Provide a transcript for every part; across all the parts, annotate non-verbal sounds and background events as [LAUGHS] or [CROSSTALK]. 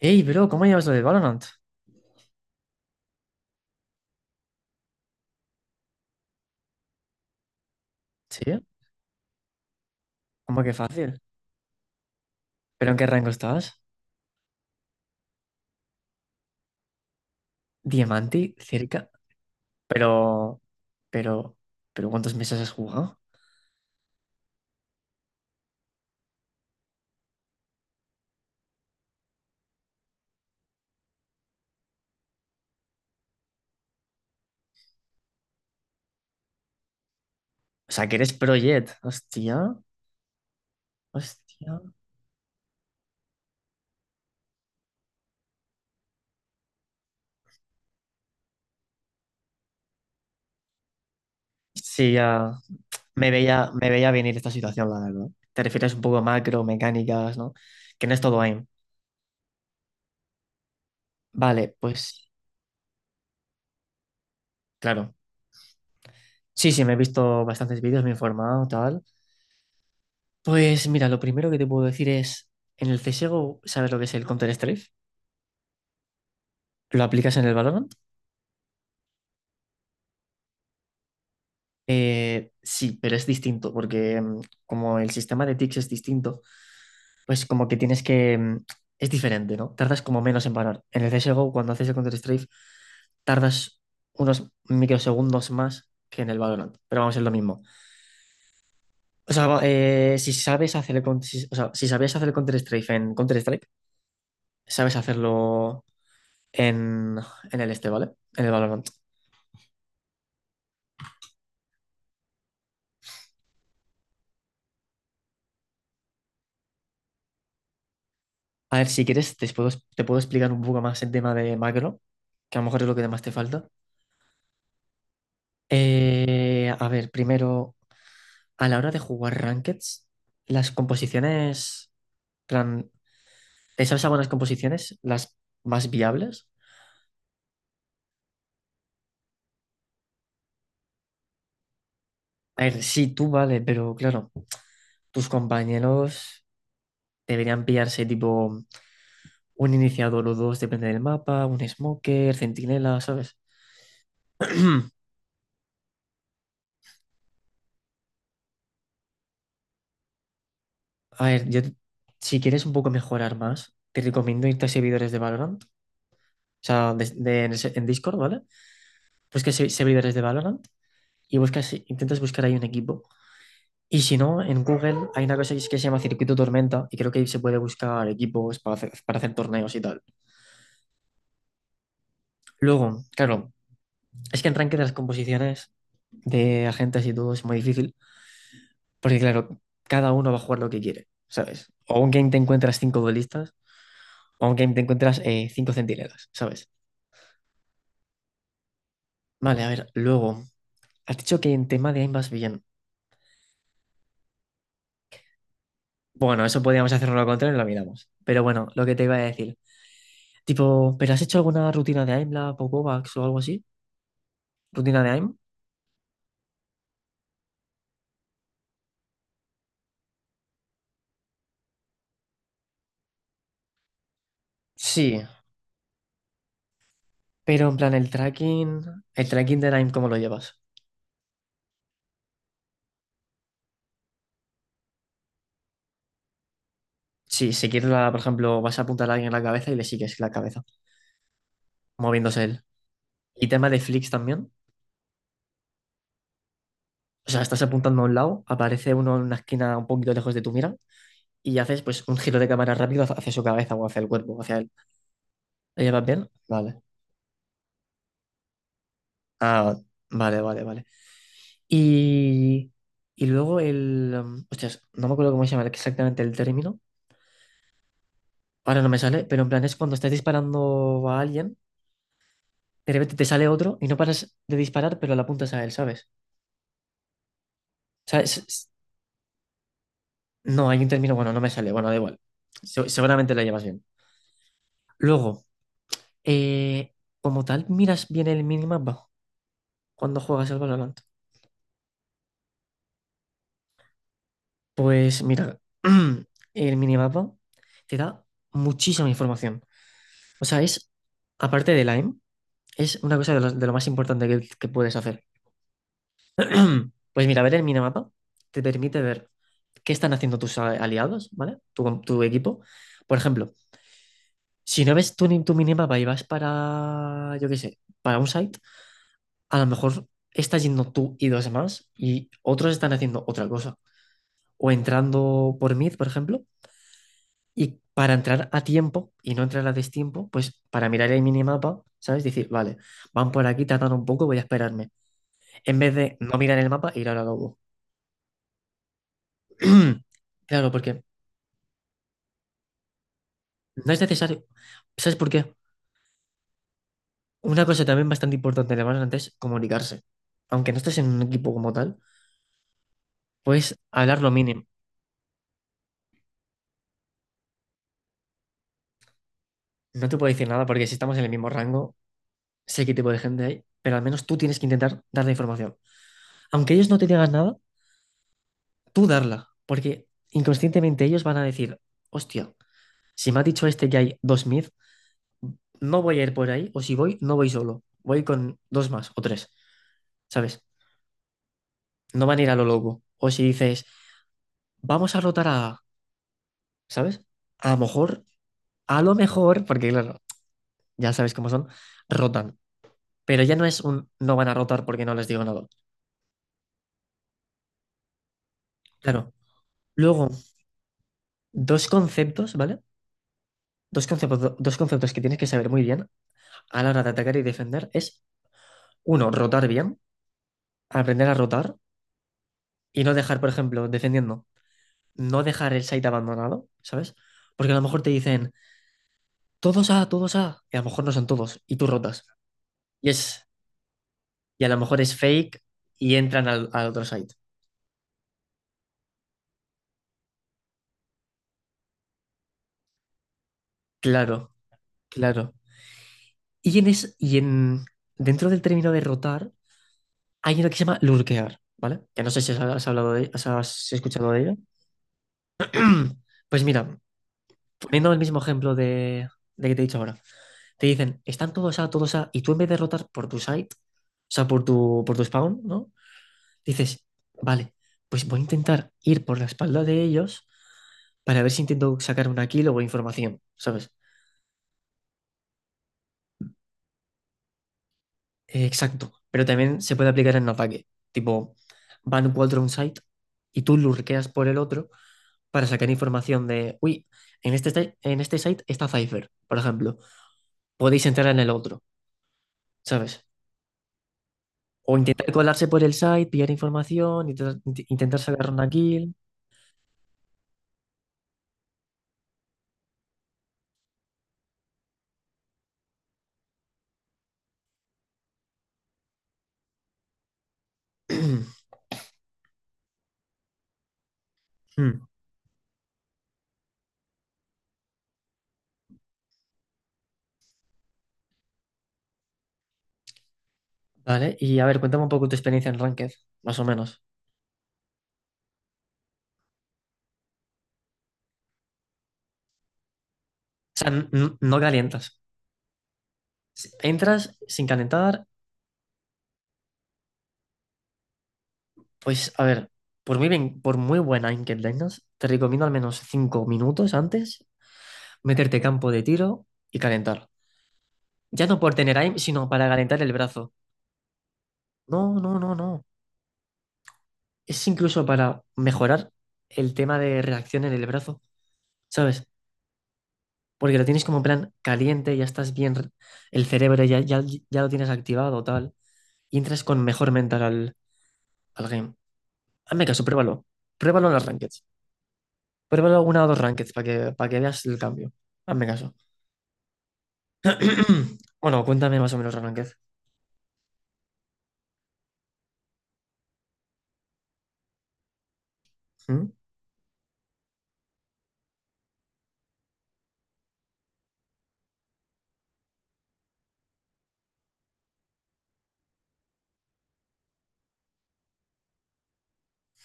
Ey, bro, ¿cómo llevas lo de Valorant? Sí, ¿cómo que fácil? ¿Pero en qué rango estabas? Diamante, cerca. Pero, pero, pero ¿cuántos meses has jugado? O sea, que eres pro Jet. Hostia, hostia. Sí, ya me veía venir esta situación, la verdad. Te refieres un poco a macro, mecánicas, ¿no? Que no es todo aim. Vale, pues, claro. Sí, sí, me he visto bastantes vídeos, me he informado, tal. Pues mira, lo primero que te puedo decir es, en el CSGO, ¿sabes lo que es el Counter-Strike? ¿Lo aplicas en el Valorant? Sí, pero es distinto, porque como el sistema de ticks es distinto, pues como que tienes que. Es diferente, ¿no? Tardas como menos en parar. En el CSGO, cuando haces el Counter-Strike, tardas unos microsegundos más que en el Valorant, pero vamos, es lo mismo. O sea, si sabes hacer si sabías hacer el Counter-Strike en Counter-Strike, sabes hacerlo en, en el este, ¿vale? En el Valorant. A ver, si quieres, te puedo explicar un poco más el tema de macro, que a lo mejor es lo que más te falta. A ver, primero, a la hora de jugar Rankeds, las composiciones, plan, ¿te sabes algunas composiciones, las más viables? A ver, sí, tú vale, pero claro, tus compañeros deberían pillarse tipo un iniciador o dos, depende del mapa, un smoker, centinela, ¿sabes? [CLEARS THROAT] A ver, yo, si quieres un poco mejorar más, te recomiendo irte a servidores de Valorant. O sea, en Discord, ¿vale? Buscas servidores líderes de Valorant y buscas, intentas buscar ahí un equipo. Y si no, en Google hay una cosa que se llama circuito tormenta y creo que ahí se puede buscar equipos para hacer, torneos y tal. Luego, claro, es que en ranking de las composiciones de agentes y todo es muy difícil porque, claro, cada uno va a jugar lo que quiere, ¿sabes? O un game te encuentras cinco duelistas o un game te encuentras cinco centinelas, ¿sabes? Vale, a ver, luego, has dicho que en tema de aim vas bien. Bueno, eso podríamos hacerlo lo contrario y lo miramos. Pero bueno, lo que te iba a decir. Tipo, ¿pero has hecho alguna rutina de AIM, la Popovax o algo así? ¿Rutina de AIM? Sí, pero en plan el tracking del AIM, ¿cómo lo llevas? Sí, si quieres, por ejemplo, vas a apuntar a alguien en la cabeza y le sigues la cabeza, moviéndose él. Y tema de flicks también. O sea, estás apuntando a un lado, aparece uno en una esquina un poquito lejos de tu mira y haces pues un giro de cámara rápido hacia su cabeza o hacia el cuerpo, hacia él. ¿Lo llevas bien? Vale. Ah, vale, vale, vale. Y, y luego hostias, no me acuerdo cómo se llama exactamente el término. Ahora no me sale, pero en plan es cuando estás disparando a alguien, de repente te sale otro y no paras de disparar, pero la apuntas a él, ¿sabes? O sea, no, hay un término, bueno, no me sale, bueno, da igual. Seguramente lo llevas bien. Luego, eh, como tal, miras bien el minimapa cuando juegas el Valorant. Pues mira, [CLEARS THROAT] el minimapa te da muchísima información. O sea, es, aparte del aim. Es una cosa de lo más importante que puedes hacer. [CLEARS THROAT] Pues mira, ver el minimapa te permite ver qué están haciendo tus aliados, ¿vale? Tu equipo. Por ejemplo, si no ves tu, ni- tu minimapa y vas para, yo qué sé, para un site, a lo mejor estás yendo tú y dos más y otros están haciendo otra cosa. O entrando por mid, por ejemplo, y para entrar a tiempo y no entrar a destiempo, pues para mirar el minimapa, ¿sabes? Decir, vale, van por aquí, tratan un poco, voy a esperarme, en vez de no mirar el mapa e ir a la lobo. [CLEARS THROAT] Claro, porque no es necesario. ¿Sabes por qué? Una cosa también bastante importante de Valorant es comunicarse. Aunque no estés en un equipo como tal, puedes hablar lo mínimo. No te puedo decir nada porque si estamos en el mismo rango, sé qué tipo de gente hay, pero al menos tú tienes que intentar dar la información. Aunque ellos no te digan nada, tú darla, porque inconscientemente ellos van a decir, hostia, si me ha dicho este que hay dos mid, no voy a ir por ahí, o si voy, no voy solo, voy con dos más o tres, ¿sabes? No van a ir a lo loco. O si dices, vamos a rotar a, ¿sabes? A lo mejor, porque claro, ya sabes cómo son, rotan. Pero ya no es un no van a rotar porque no les digo nada. Claro. Luego, dos conceptos, ¿vale? Dos conceptos que tienes que saber muy bien a la hora de atacar y defender es, uno, rotar bien, aprender a rotar y no dejar, por ejemplo, defendiendo, no dejar el site abandonado, ¿sabes? Porque a lo mejor te dicen, todos A, todos A, y a lo mejor no son todos, y tú rotas. Y es, y a lo mejor es fake y entran al otro site. Claro, claro. Y en dentro del término de rotar hay uno que se llama lurkear, ¿vale? Que no sé si has escuchado de ello. [CLEARS THROAT] Pues mira, poniendo el mismo ejemplo de que te he dicho ahora. Te dicen, están todos A, todos A, y tú en vez de rotar por tu site, o sea, por tu spawn, ¿no? Dices, vale, pues voy a intentar ir por la espalda de ellos para ver si intento sacar una kill o información, ¿sabes? Exacto, pero también se puede aplicar en ataque. Tipo, van cuatro a un site y tú lurqueas por el otro para sacar información de, uy, en este site está Cypher, por ejemplo. Podéis entrar en el otro, ¿sabes? O intentar colarse por el site, pillar información, intentar sacar una kill. [CLEARS THROAT] Hmm. Vale, y a ver, cuéntame un poco tu experiencia en Ranked, más o menos. O sea, no calientas. Entras sin calentar. Pues a ver, por muy bien, por muy buena aim que tengas, te recomiendo al menos 5 minutos antes meterte campo de tiro y calentar. Ya no por tener aim, sino para calentar el brazo. No, no, no, no. Es incluso para mejorar el tema de reacción en el brazo, ¿sabes? Porque lo tienes como en plan caliente, ya estás bien, el cerebro ya lo tienes activado, tal, y entras con mejor mental al game. Hazme caso, pruébalo. Pruébalo en las rankeds. Pruébalo una o dos rankeds para que veas el cambio. Hazme caso. [CLEARS THROAT] Bueno, cuéntame más o menos, Arranquez. ¿Mm?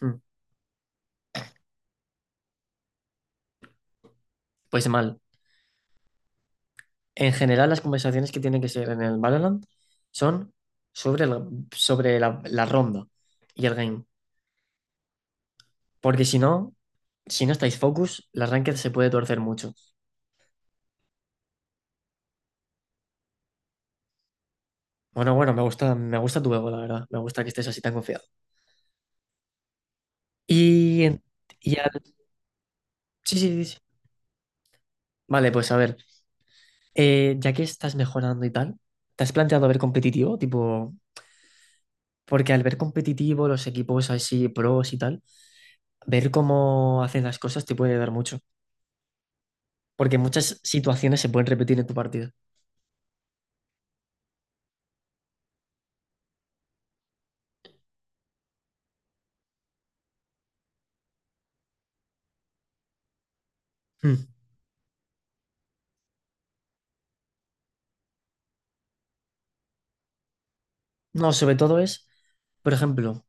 ¿Mm? Pues mal. En general, las conversaciones que tienen que ser en el Valorant son sobre la ronda y el game. Porque si no, estáis focus, la Ranked se puede torcer mucho. Bueno, bueno, me gusta tu ego, la verdad. Me gusta que estés así tan confiado. Y, en- y al- sí, sí, sí, sí. Vale, pues a ver. Ya que estás mejorando y tal, ¿te has planteado ver competitivo? Tipo, porque al ver competitivo, los equipos así, pros y tal. Ver cómo hacen las cosas te puede dar mucho, porque muchas situaciones se pueden repetir en tu partida. Mm. No, sobre todo es, por ejemplo,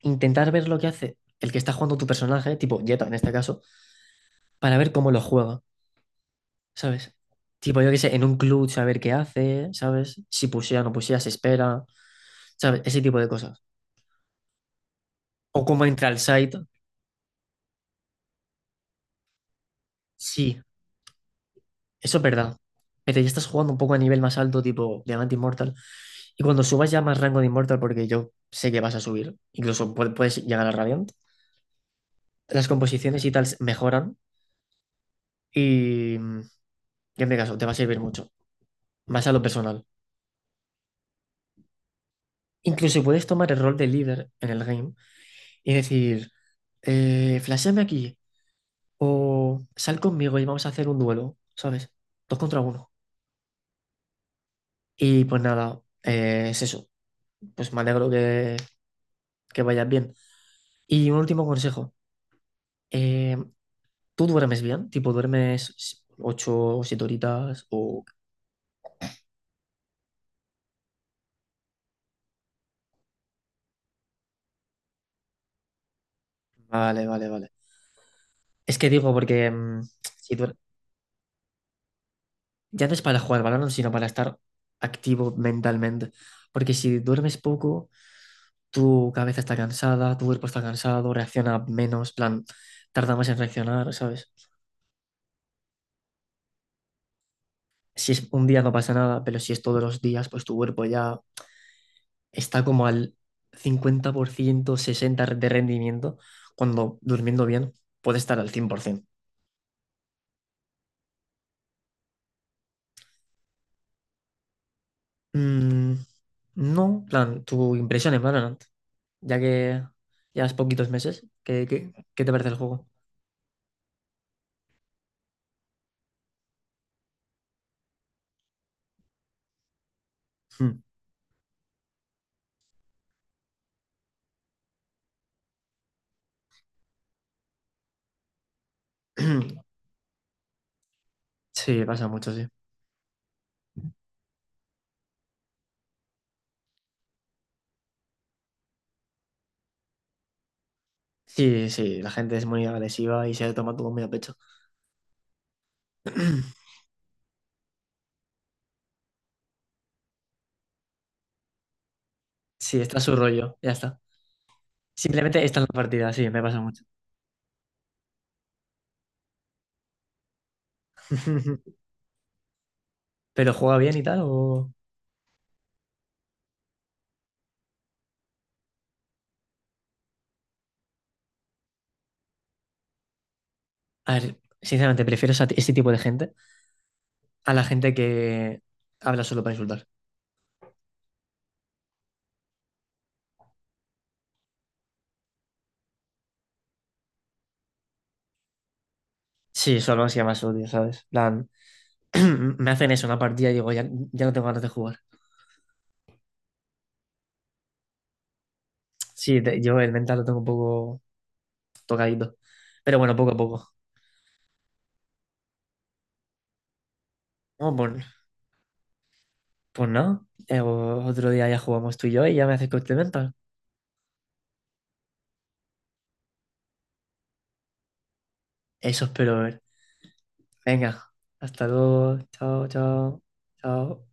intentar ver lo que hace el que está jugando tu personaje, tipo Jetta en este caso, para ver cómo lo juega, ¿sabes? Tipo, yo qué sé, en un club saber qué hace, ¿sabes? Si pusea, no pusea, se espera, ¿sabes? Ese tipo de cosas. O cómo entra al site. Sí, eso es verdad. Pero ya estás jugando un poco a nivel más alto, tipo Diamante Immortal. Y cuando subas ya más rango de Immortal, porque yo sé que vas a subir, incluso puedes llegar a Radiant, las composiciones y tal mejoran y, mm, y en mi caso te va a servir mucho, más a lo personal. Incluso si puedes tomar el rol de líder en el game y decir, flashéame aquí o sal conmigo y vamos a hacer un duelo, ¿sabes? Dos contra uno. Y pues nada, es eso. Pues me alegro que vayas bien. Y un último consejo. Eh, ¿Tú duermes bien? Tipo, ¿duermes 8 o 7 horitas? O... Vale, vale, vale. Es que digo, porque si duer- ya no es para jugar balón, sino para estar activo mentalmente. Porque si duermes poco, tu cabeza está cansada, tu cuerpo está cansado, reacciona menos, plan, tarda más en reaccionar, ¿sabes? Si es un día no pasa nada, pero si es todos los días, pues tu cuerpo ya está como al 50%, 60% de rendimiento, cuando durmiendo bien puede estar al 100%. Mm, no, plan, tu impresión en Valorant, ya que llevas poquitos meses, ¿qué, qué te parece el juego? Mm. [CLEARS THROAT] Sí, pasa mucho, sí. Sí, sí, la gente es muy agresiva y se toma todo muy a pecho. [CLEARS THROAT] Sí, está su rollo, ya está. Simplemente está en la partida, sí, me pasa mucho. [LAUGHS] ¿Pero juega bien y tal? O... A ver, sinceramente, prefiero ese tipo de gente a la gente que habla solo para insultar. Sí, solo así más odio, ¿sabes? [CLEARS THROAT] me hacen eso, una partida y digo, ya, ya no tengo ganas de jugar. Sí, yo el mental lo tengo un poco tocadito. Pero bueno, poco a poco. No, pues no. Otro día ya jugamos tú y yo y ya me haces coste mental. Eso espero ver. Venga, hasta luego. Chao, chao, chao.